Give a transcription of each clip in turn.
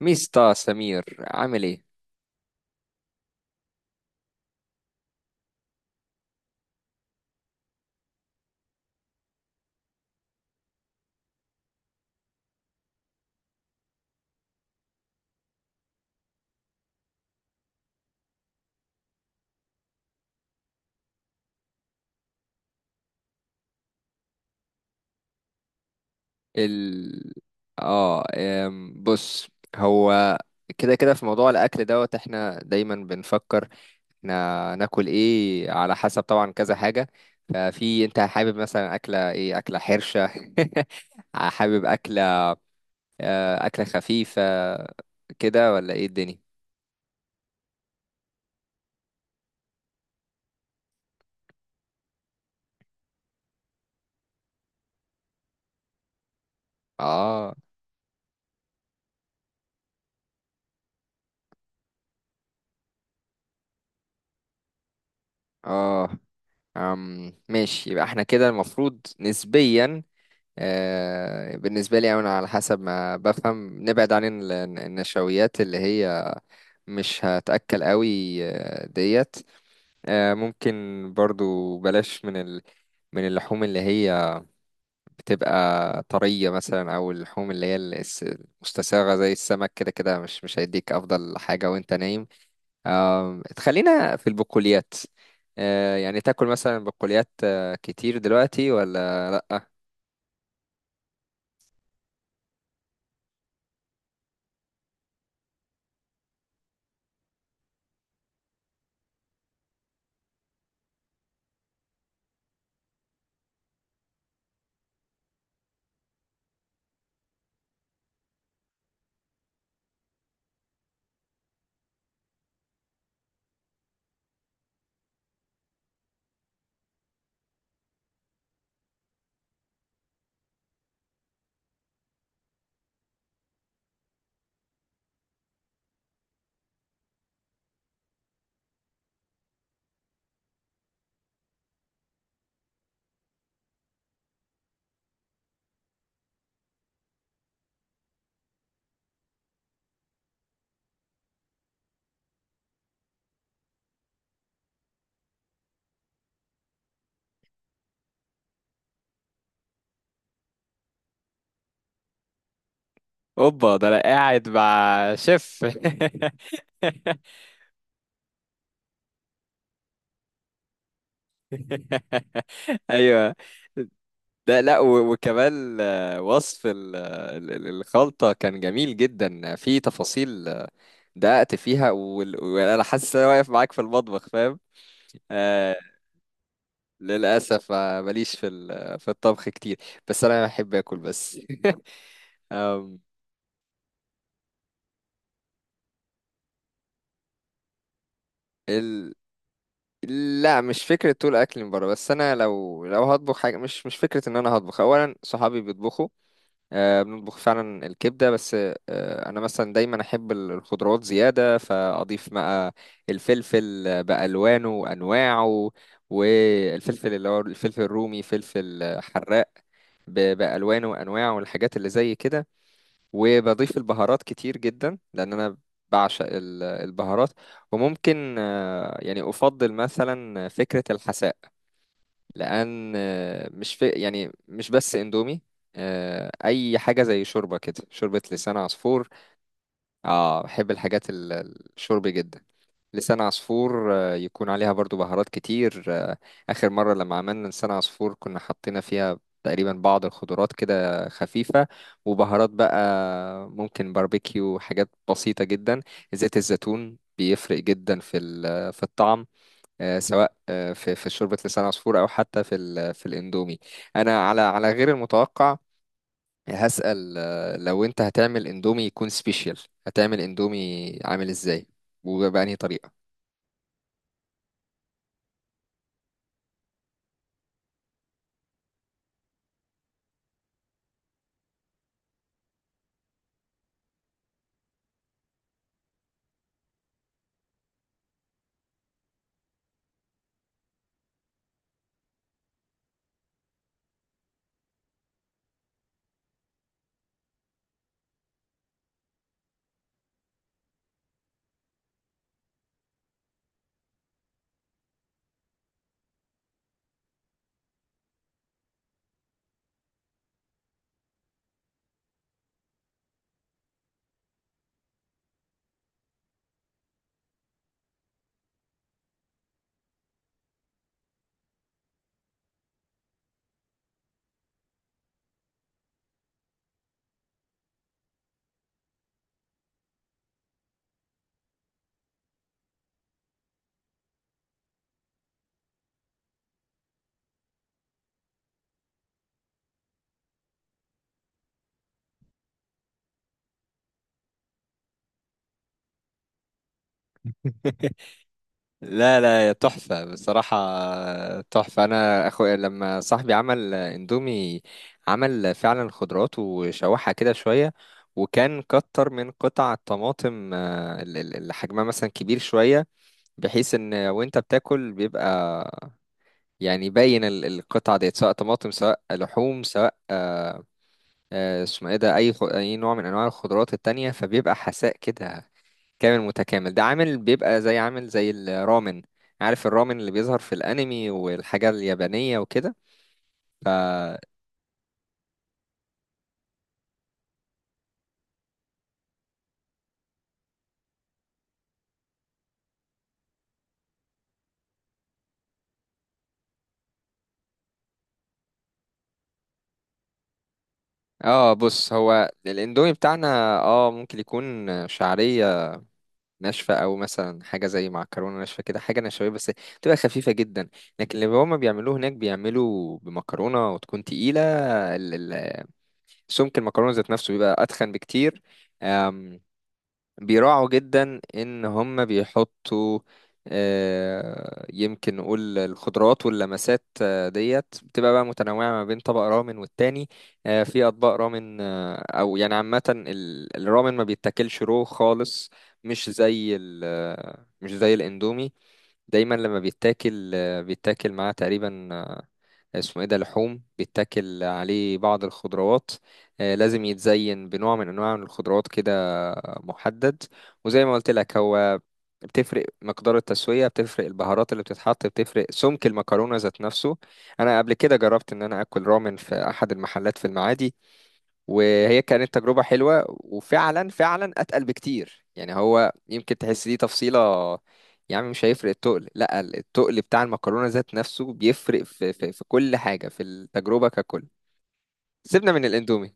ميستا سمير عامل ايه؟ ال اه أم، بص. هو كده كده في موضوع الاكل دوت احنا دايما بنفكر احنا ناكل ايه على حسب طبعا كذا حاجه. ففي انت حابب مثلا اكله ايه؟ اكله حرشه حابب اكله اكله خفيفه كده ولا ايه الدنيا؟ اه اه أم، ماشي، يبقى احنا كده المفروض نسبيا. بالنسبة لي أنا على حسب ما بفهم نبعد عن النشويات اللي هي مش هتأكل قوي. ديت ممكن، برضو بلاش من اللحوم اللي هي بتبقى طرية مثلا، أو اللحوم اللي هي المستساغة زي السمك كده كده مش هيديك أفضل حاجة وأنت نايم. تخلينا في البقوليات. يعني تاكل مثلا بقوليات كتير دلوقتي ولا لأ؟ اوبا، ده انا قاعد مع شيف. ايوه، ده لا وكمان وصف الخلطه كان جميل جدا في تفاصيل. دققت فيها وانا حاسس ان انا واقف معاك في المطبخ، فاهم؟ آه للاسف ماليش في الطبخ كتير، بس انا بحب اكل بس. أم، ال... لا مش فكرة طول أكل من بره، بس أنا لو هطبخ حاجة مش فكرة إن أنا هطبخ. أولا صحابي بيطبخوا بنطبخ فعلا الكبدة بس. أنا مثلا دايما أحب الخضروات زيادة، فأضيف بقى الفلفل بألوانه وأنواعه، والفلفل اللي هو الفلفل الرومي، فلفل حراق بألوانه وأنواعه والحاجات اللي زي كده. وبضيف البهارات كتير جدا لأن أنا بعشق البهارات. وممكن يعني أفضل مثلا فكرة الحساء، لان مش في يعني مش بس اندومي، اي حاجه زي شوربه كده، شوربه لسان عصفور. اه، بحب الحاجات الشرب جدا. لسان عصفور يكون عليها برضو بهارات كتير. اخر مره لما عملنا لسان عصفور كنا حطينا فيها تقريبا بعض الخضروات كده خفيفه، وبهارات بقى، ممكن باربيكيو، حاجات بسيطه جدا. زيت الزيتون بيفرق جدا في الطعم، سواء في شوربة لسان عصفور أو حتى في الإندومي. أنا على غير المتوقع هسأل لو أنت هتعمل إندومي يكون سبيشال، هتعمل إندومي عامل إزاي؟ وبأنهي طريقة؟ لا لا يا تحفة، بصراحة تحفة. أنا أخويا لما صاحبي عمل إندومي عمل فعلا خضروات وشوحها كده شوية، وكان كتر من قطع الطماطم، اللي حجمها مثلا كبير شوية، بحيث إن وأنت بتاكل بيبقى يعني باين القطعة ديت، سواء طماطم سواء لحوم سواء اسمه ايه ده، اي نوع من انواع الخضروات التانية، فبيبقى حساء كده كامل متكامل. ده عامل بيبقى زي، عامل زي الرامن. عارف الرامن اللي بيظهر في الانمي والحاجة اليابانية وكده؟ اه، بص، هو الاندومي بتاعنا اه ممكن يكون شعرية ناشفة، او مثلا حاجة زي معكرونة ناشفة كده، حاجة نشوية بس تبقى خفيفة جدا. لكن اللي هما بيعملوه هناك بيعملوا بمكرونة وتكون تقيلة، سمك المكرونة ذات نفسه بيبقى أتخن بكتير. أم، بيراعوا جدا إن هم بيحطوا يمكن نقول الخضروات، واللمسات ديت بتبقى بقى متنوعة ما بين طبق رامن والتاني. في أطباق رامن. أو يعني عامة الرامن ما بيتاكلش رو خالص، مش زي الإندومي. دايما لما بيتاكل بيتاكل معاه تقريبا اسمه ايه ده، لحوم، بيتاكل عليه بعض الخضروات. لازم يتزين بنوع من انواع من الخضروات كده محدد. وزي ما قلت لك، هو بتفرق مقدار التسوية، بتفرق البهارات اللي بتتحط، بتفرق سمك المكرونة ذات نفسه. أنا قبل كده جربت إن أنا أكل رامن في أحد المحلات في المعادي، وهي كانت تجربة حلوة، وفعلا فعلا أتقل بكتير. يعني هو يمكن تحس دي تفصيلة، يعني مش هيفرق التقل. لا، التقل بتاع المكرونة ذات نفسه بيفرق في كل حاجة، في التجربة ككل. سيبنا من الاندومي.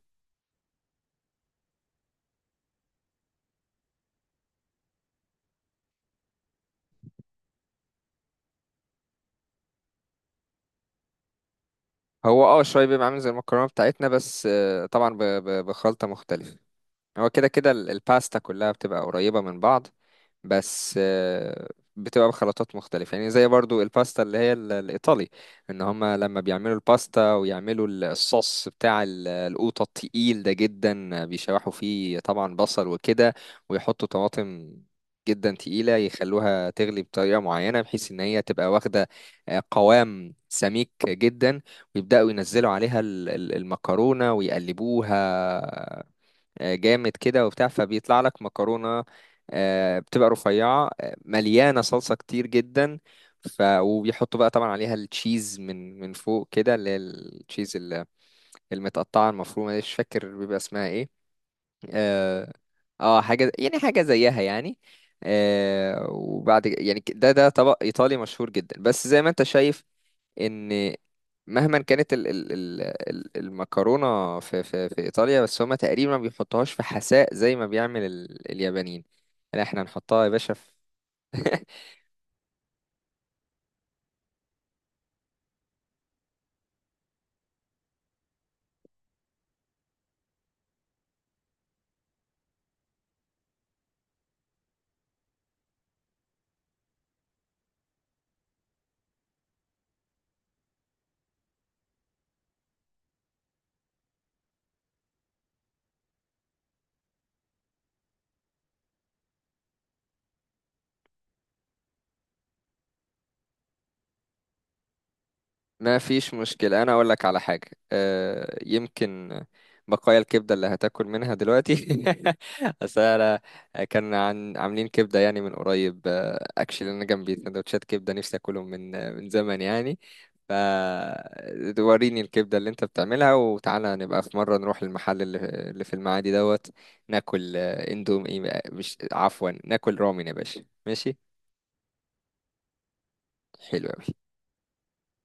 هو اه شوية بيبقى عامل زي المكرونة بتاعتنا، بس طبعا بخلطة مختلفة. هو كده كده الباستا كلها بتبقى قريبة من بعض، بس بتبقى بخلطات مختلفة. يعني زي برضو الباستا اللي هي الإيطالي، إن هما لما بيعملوا الباستا ويعملوا الصوص بتاع القوطة التقيل ده جدا، بيشوحوا فيه طبعا بصل وكده، ويحطوا طماطم جدا تقيلة، يخلوها تغلي بطريقة معينة بحيث إن هي تبقى واخدة قوام سميك جدا، ويبدأوا ينزلوا عليها المكرونة ويقلبوها جامد كده وبتاع، فبيطلع لك مكرونة بتبقى رفيعة مليانة صلصة كتير جدا. وبيحطوا بقى طبعا عليها التشيز من فوق كده، اللي هي التشيز المتقطعة المفرومة دي، مش فاكر بيبقى اسمها ايه. اه حاجة يعني، حاجة زيها يعني. وبعد يعني ده طبق إيطالي مشهور جدا. بس زي ما انت شايف ان مهما كانت المكرونه في ايطاليا، بس هما تقريبا ما بيحطوهاش في حساء زي ما بيعمل اليابانيين. لا احنا نحطها يا باشا في. ما فيش مشكلة. أنا أقول لك على حاجة يمكن بقايا الكبدة اللي هتاكل منها دلوقتي. أصل أنا كان عن عاملين كبدة يعني من قريب، أكشلي أنا جنبي سندوتشات كبدة، نفسي أكلهم من زمن يعني. فوريني الكبدة اللي أنت بتعملها، وتعالى نبقى في مرة نروح المحل اللي في المعادي دوت، ناكل إندومي، مش، عفوا، ناكل رامن يا باشا، ماشي؟ حلو أوي.